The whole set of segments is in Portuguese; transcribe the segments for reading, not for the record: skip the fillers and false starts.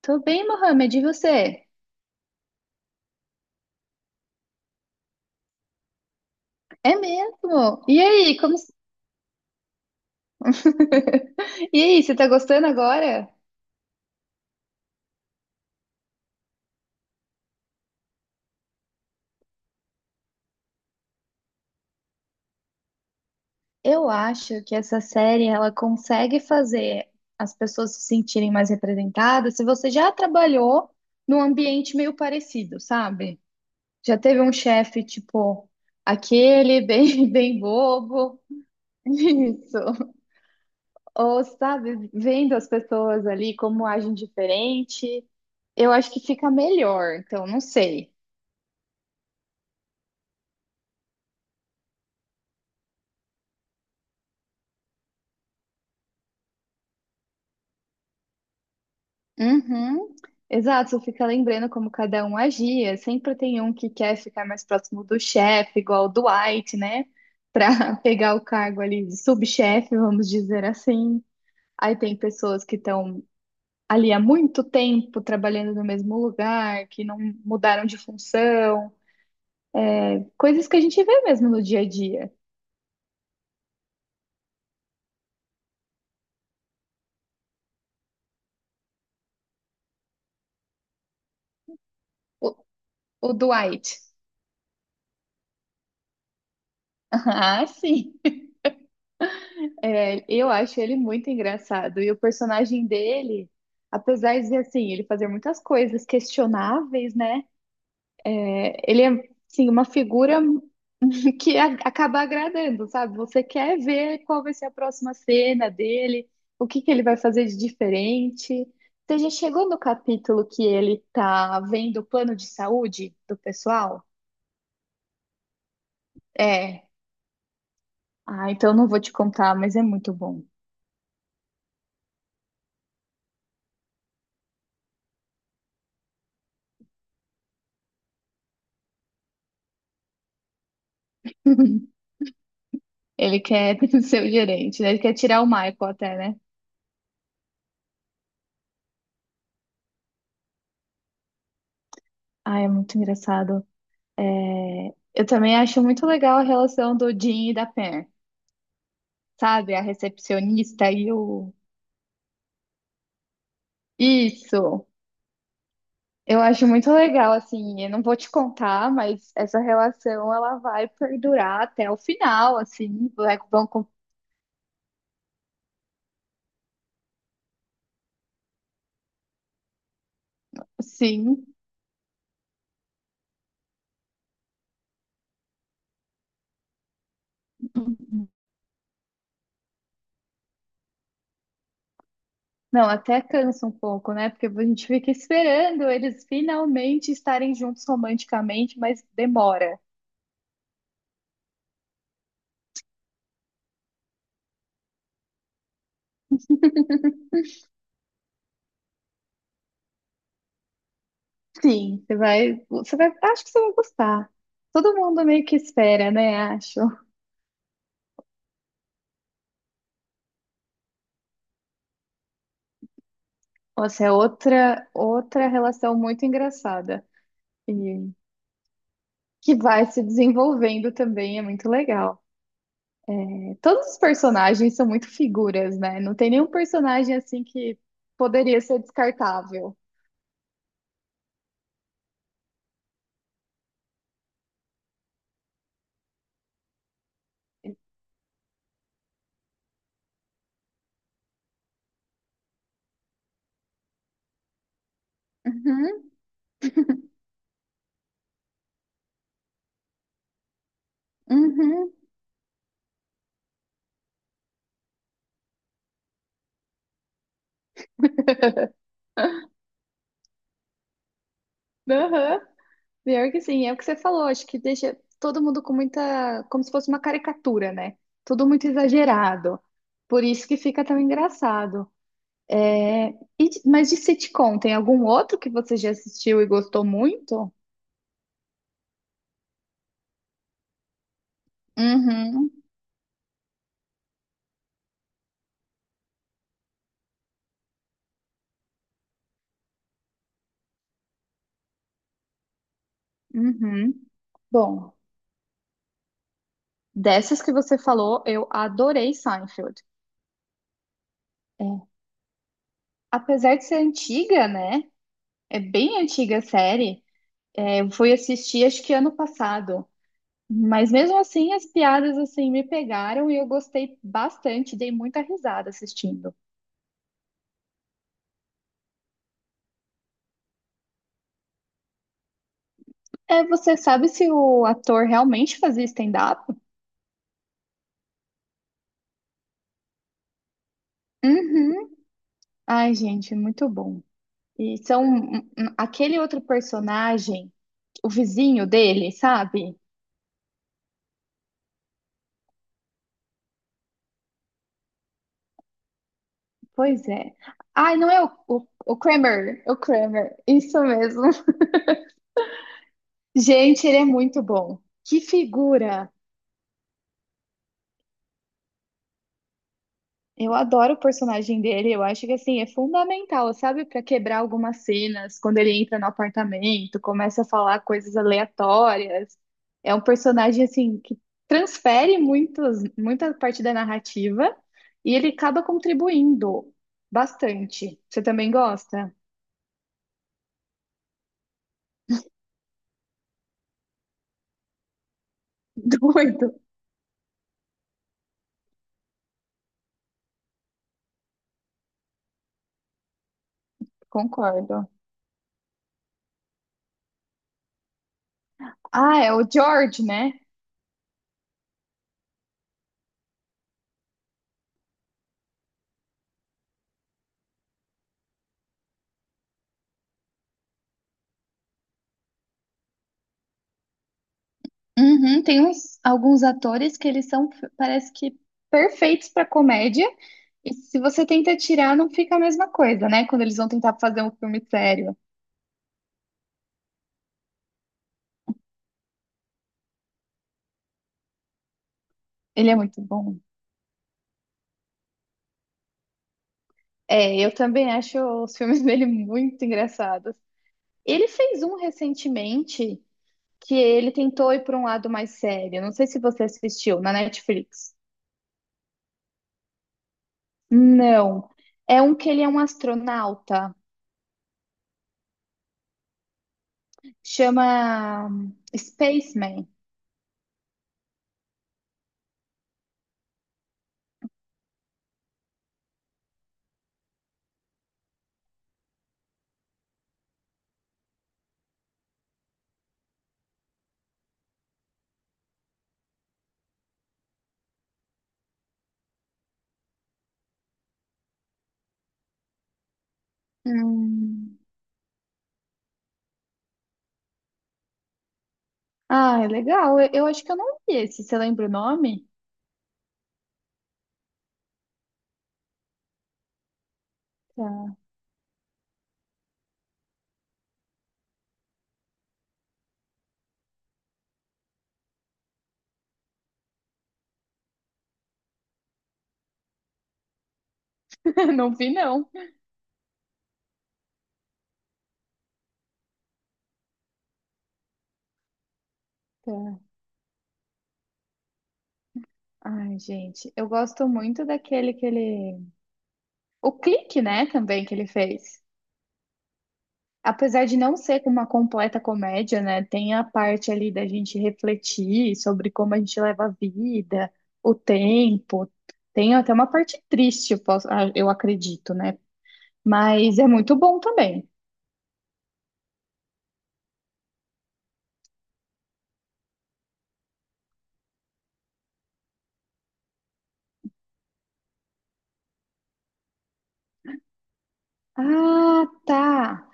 Tô bem, Mohamed, e você? É mesmo? E aí, como... E aí, você tá gostando agora? Eu acho que essa série, ela consegue fazer as pessoas se sentirem mais representadas se você já trabalhou num ambiente meio parecido, sabe? Já teve um chefe, tipo, aquele bem, bem bobo. Isso. Ou, sabe, vendo as pessoas ali como agem diferente, eu acho que fica melhor. Então, não sei. Uhum. Exato, você fica lembrando como cada um agia. Sempre tem um que quer ficar mais próximo do chefe, igual o Dwight, né? Para pegar o cargo ali de subchefe, vamos dizer assim. Aí tem pessoas que estão ali há muito tempo trabalhando no mesmo lugar, que não mudaram de função. Coisas que a gente vê mesmo no dia a dia. O, o Dwight. Ah, sim. É, eu acho ele muito engraçado. E o personagem dele, apesar de assim, ele fazer muitas coisas questionáveis, né? Ele é assim, uma figura que acaba agradando, sabe? Você quer ver qual vai ser a próxima cena dele, o que que ele vai fazer de diferente. Você já chegou no capítulo que ele tá vendo o plano de saúde do pessoal? É. Ah, então não vou te contar, mas é muito bom. Ele quer ser o gerente, né? Ele quer tirar o Michael até, né? Ah, é muito engraçado. É, eu também acho muito legal a relação do Jim e da Pam, sabe? A recepcionista e o. Isso! Eu acho muito legal, assim. Eu não vou te contar, mas essa relação ela vai perdurar até o final, assim. Vão, sim. Não, até cansa um pouco, né? Porque a gente fica esperando eles finalmente estarem juntos romanticamente, mas demora. Sim, você vai, acho que você vai gostar. Todo mundo meio que espera, né? Acho. Nossa, é outra relação muito engraçada e que vai se desenvolvendo também, é muito legal. Todos os personagens são muito figuras, né? Não tem nenhum personagem assim que poderia ser descartável. Uhum, uhum, aham. Pior que sim, é o que você falou, acho que deixa todo mundo com muita, como se fosse uma caricatura, né? Tudo muito exagerado. Por isso que fica tão engraçado. É, e mas de sitcom, tem algum outro que você já assistiu e gostou muito? Uhum, uhum. Bom, dessas que você falou, eu adorei Seinfeld. É, apesar de ser antiga, né? É bem antiga a série. É, eu fui assistir acho que ano passado. Mas mesmo assim, as piadas assim me pegaram e eu gostei bastante, dei muita risada assistindo. É, você sabe se o ator realmente fazia stand-up? Uhum. Ai, gente, muito bom. E são aquele outro personagem, o vizinho dele, sabe? Pois é. Ai, não é o Kramer, o Kramer, isso mesmo. Gente, ele é muito bom. Que figura! Eu adoro o personagem dele, eu acho que assim é fundamental, sabe, para quebrar algumas cenas, quando ele entra no apartamento, começa a falar coisas aleatórias. É um personagem assim que muita parte da narrativa e ele acaba contribuindo bastante. Você também gosta? Doido, concordo. Ah, é o George, né? Uhum, tem uns, alguns atores que eles são, parece que, perfeitos para comédia, e se você tenta tirar, não fica a mesma coisa, né? Quando eles vão tentar fazer um filme sério. Ele é muito bom. É, eu também acho os filmes dele muito engraçados. Ele fez um recentemente que ele tentou ir para um lado mais sério. Não sei se você assistiu na Netflix. Não. É um que ele é um astronauta. Chama Spaceman. Hum. Ah, é legal. Eu acho que eu não vi esse. Você lembra o nome? Tá. Não vi, não. Tá. Ai, gente, eu gosto muito daquele que ele. O clique, né, também que ele fez. Apesar de não ser uma completa comédia, né, tem a parte ali da gente refletir sobre como a gente leva a vida, o tempo. Tem até uma parte triste, ah, eu acredito, né? Mas é muito bom também. Ah, tá.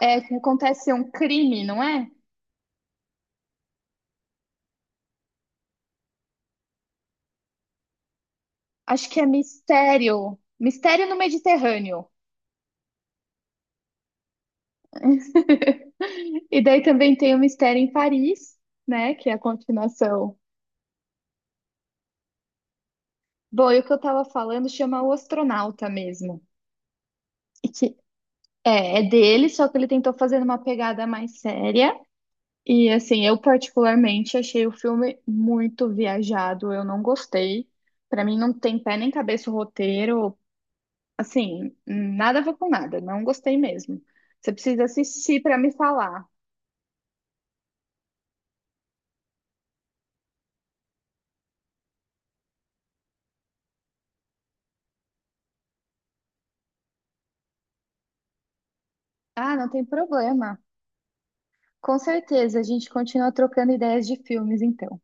É, é que acontece um crime, não é? Acho que é Mistério. Mistério no Mediterrâneo. E daí também tem o Mistério em Paris, né? Que é a continuação. Bom, e o que eu tava falando chama O Astronauta mesmo. E que é, é dele, só que ele tentou fazer uma pegada mais séria. E assim, eu particularmente achei o filme muito viajado, eu não gostei. Pra mim não tem pé nem cabeça o roteiro, assim, nada a ver com nada, não gostei mesmo. Você precisa assistir pra me falar. Ah, não tem problema. Com certeza, a gente continua trocando ideias de filmes, então.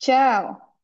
Tchau!